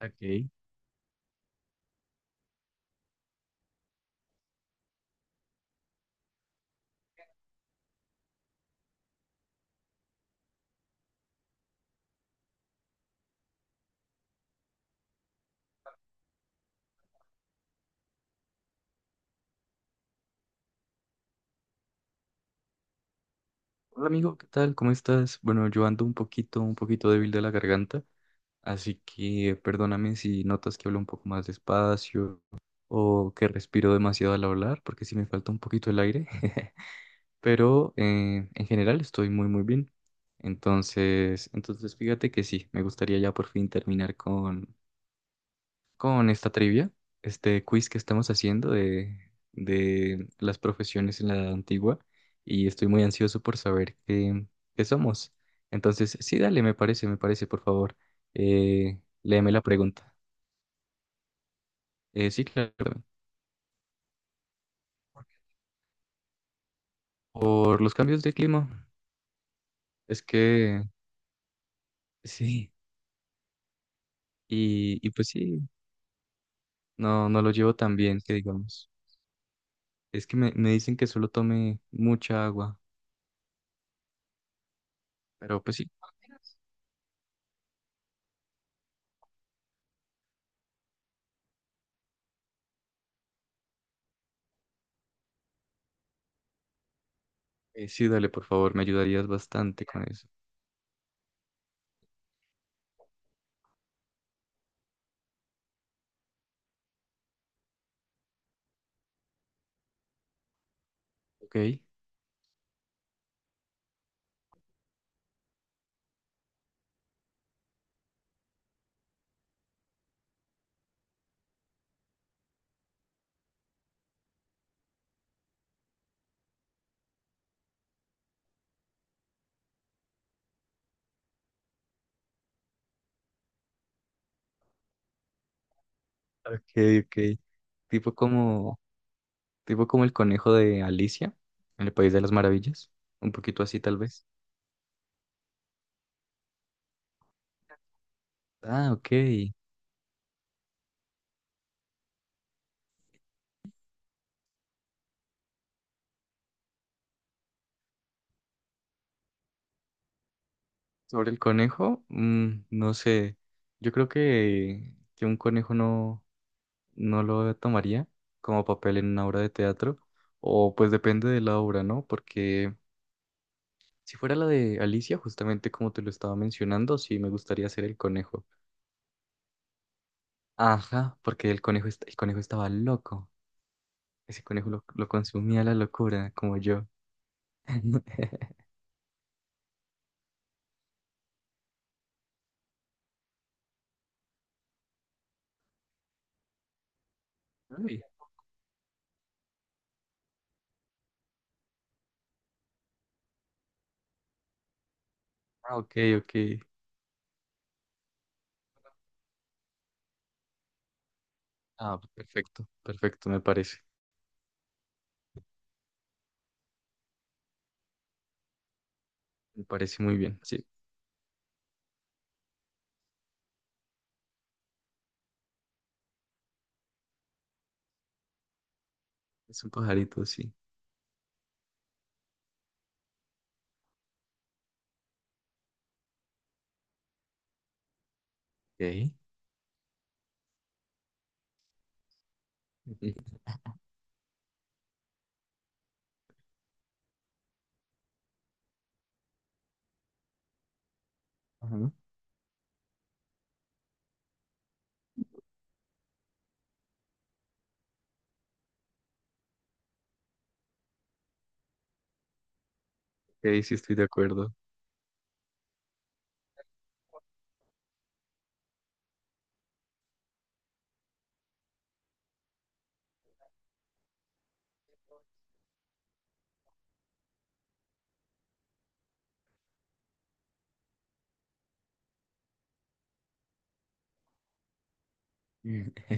Ok. Hola amigo, ¿qué tal? ¿Cómo estás? Bueno, yo ando un poquito débil de la garganta, así que perdóname si notas que hablo un poco más despacio o que respiro demasiado al hablar, porque sí me falta un poquito el aire, pero en general estoy muy, muy bien. Entonces, fíjate que sí, me gustaría ya por fin terminar con esta trivia, este quiz que estamos haciendo de las profesiones en la edad antigua y estoy muy ansioso por saber qué, qué somos. Entonces, sí, dale, me parece, por favor, léeme la pregunta. Sí, claro. Por los cambios de clima, es que sí, y pues sí, no, no lo llevo tan bien, que digamos. Es que me dicen que solo tome mucha agua, pero pues sí, sí, dale, por favor, me ayudarías bastante con eso. Ok. Okay, okay. Tipo como, tipo como el conejo de Alicia en el País de las Maravillas. Un poquito así, tal vez. Ah, ok. Sobre el conejo, mm, no sé. Yo creo que un conejo no, no lo tomaría como papel en una obra de teatro. O pues depende de la obra, ¿no? Porque si fuera la de Alicia, justamente como te lo estaba mencionando, sí me gustaría ser el conejo. Ajá, porque el conejo, el conejo estaba loco. Ese conejo lo consumía la locura, como yo. Uy. Ah, ok, ok. Ah, perfecto, perfecto, me parece. Me parece muy bien. Sí, es un pajarito, sí. Ok. Ajá. Ok, sí estoy de acuerdo. Mm.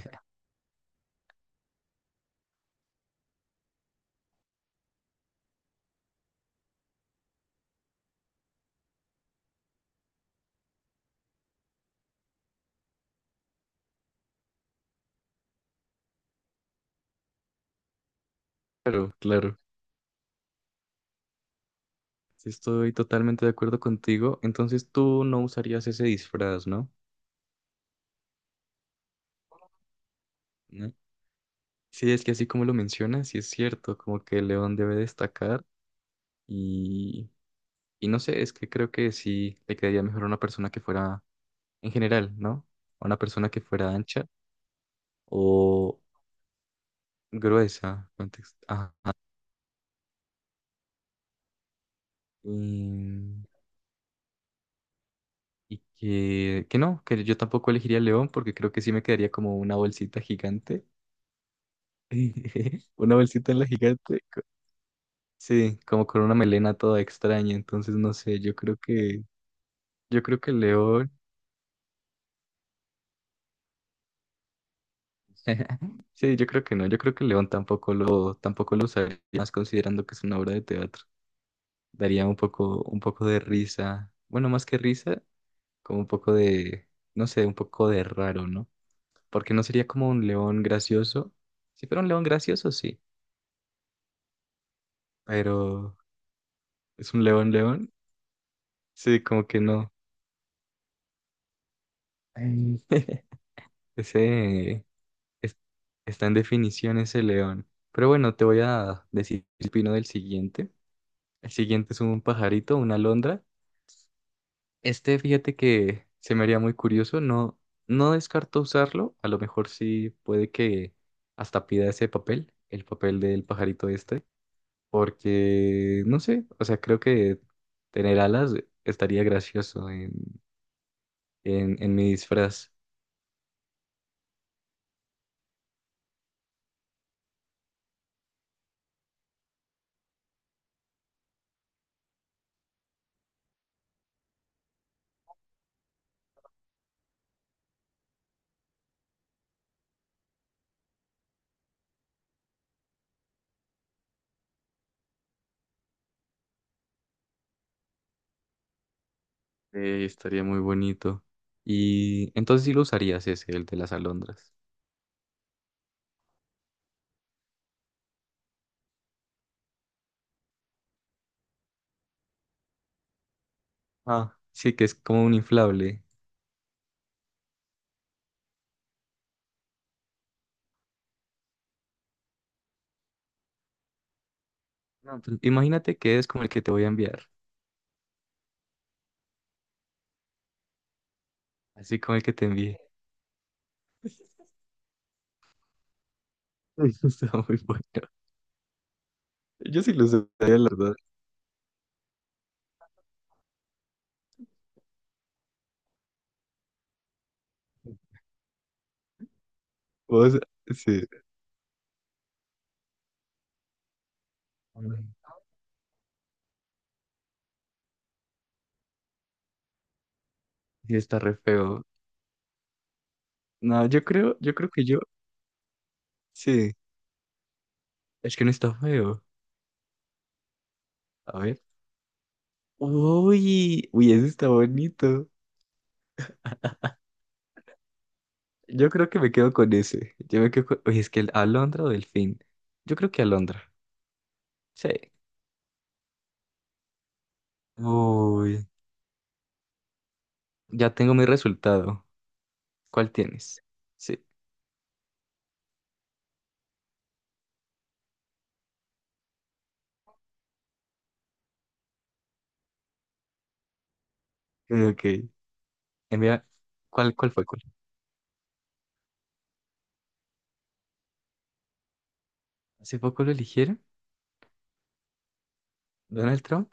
Claro, claro. Sí estoy totalmente de acuerdo contigo. Entonces tú no usarías ese disfraz, ¿no? ¿No? Sí, es que así como lo mencionas, sí es cierto, como que el león debe destacar y, y no sé, es que creo que sí le quedaría mejor a una persona que fuera en general, ¿no? A una persona que fuera ancha o gruesa, contexto. Ajá. Y, y que no, que yo tampoco elegiría el león porque creo que sí me quedaría como una bolsita gigante. Una bolsita en la gigante. Sí, como con una melena toda extraña. Entonces, no sé, yo creo que el león. Sí, yo creo que no. Yo creo que el león tampoco lo, tampoco lo usaría, más considerando que es una obra de teatro. Daría un poco de risa. Bueno, más que risa, como un poco de, no sé, un poco de raro, ¿no? Porque no sería como un león gracioso. Si fuera un león gracioso, sí, pero es un león león, sí, como que no. Ay. Ese es- Está en definición ese león. Pero bueno, te voy a decir el pino del siguiente. El siguiente es un pajarito, una alondra. Este, fíjate que se me haría muy curioso, no, no descarto usarlo, a lo mejor sí puede que hasta pida ese papel, el papel del pajarito este, porque no sé, o sea, creo que tener alas estaría gracioso en mi disfraz, estaría muy bonito. Y entonces sí lo usarías ese, el de las alondras. Ah, sí, que es como un inflable. No, pues, imagínate que es como el que te voy a enviar, así como el que te envié. Está muy bueno. Yo sí lo usaría, la verdad. O sea, sí. Sí, está re feo. No, yo creo que yo. Sí, es que no está feo. A ver. Uy, uy, ese está bonito. Yo creo que me quedo con ese. Yo me quedo con... Uy, es que el Alondra o Delfín. Yo creo que Alondra. Sí. Uy, ya tengo mi resultado. ¿Cuál tienes? Sí. Ok. Envía. ¿Cuál, cuál fue? ¿Cuál? ¿Hace poco lo eligieron? ¿Donald Trump?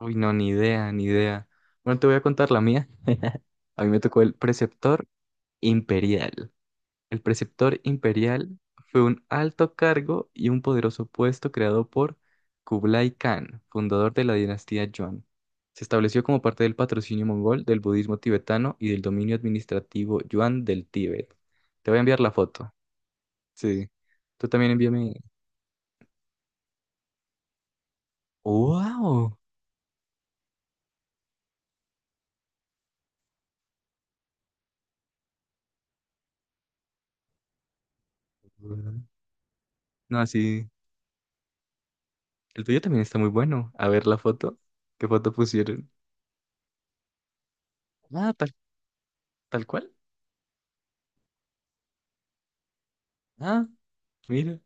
Uy, no, ni idea, ni idea. Bueno, te voy a contar la mía. A mí me tocó el preceptor imperial. El preceptor imperial fue un alto cargo y un poderoso puesto creado por Kublai Khan, fundador de la dinastía Yuan. Se estableció como parte del patrocinio mongol del budismo tibetano y del dominio administrativo Yuan del Tíbet. Te voy a enviar la foto. Sí. Tú también envíame. ¡Wow! No, así. El tuyo también está muy bueno. A ver la foto. ¿Qué foto pusieron? Ah, tal, tal cual. Ah, mira.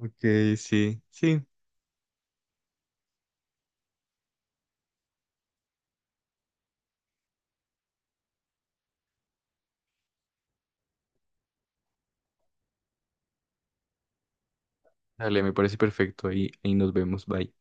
Ok, sí, sí. Dale, me parece perfecto. Ahí, ahí nos vemos. Bye.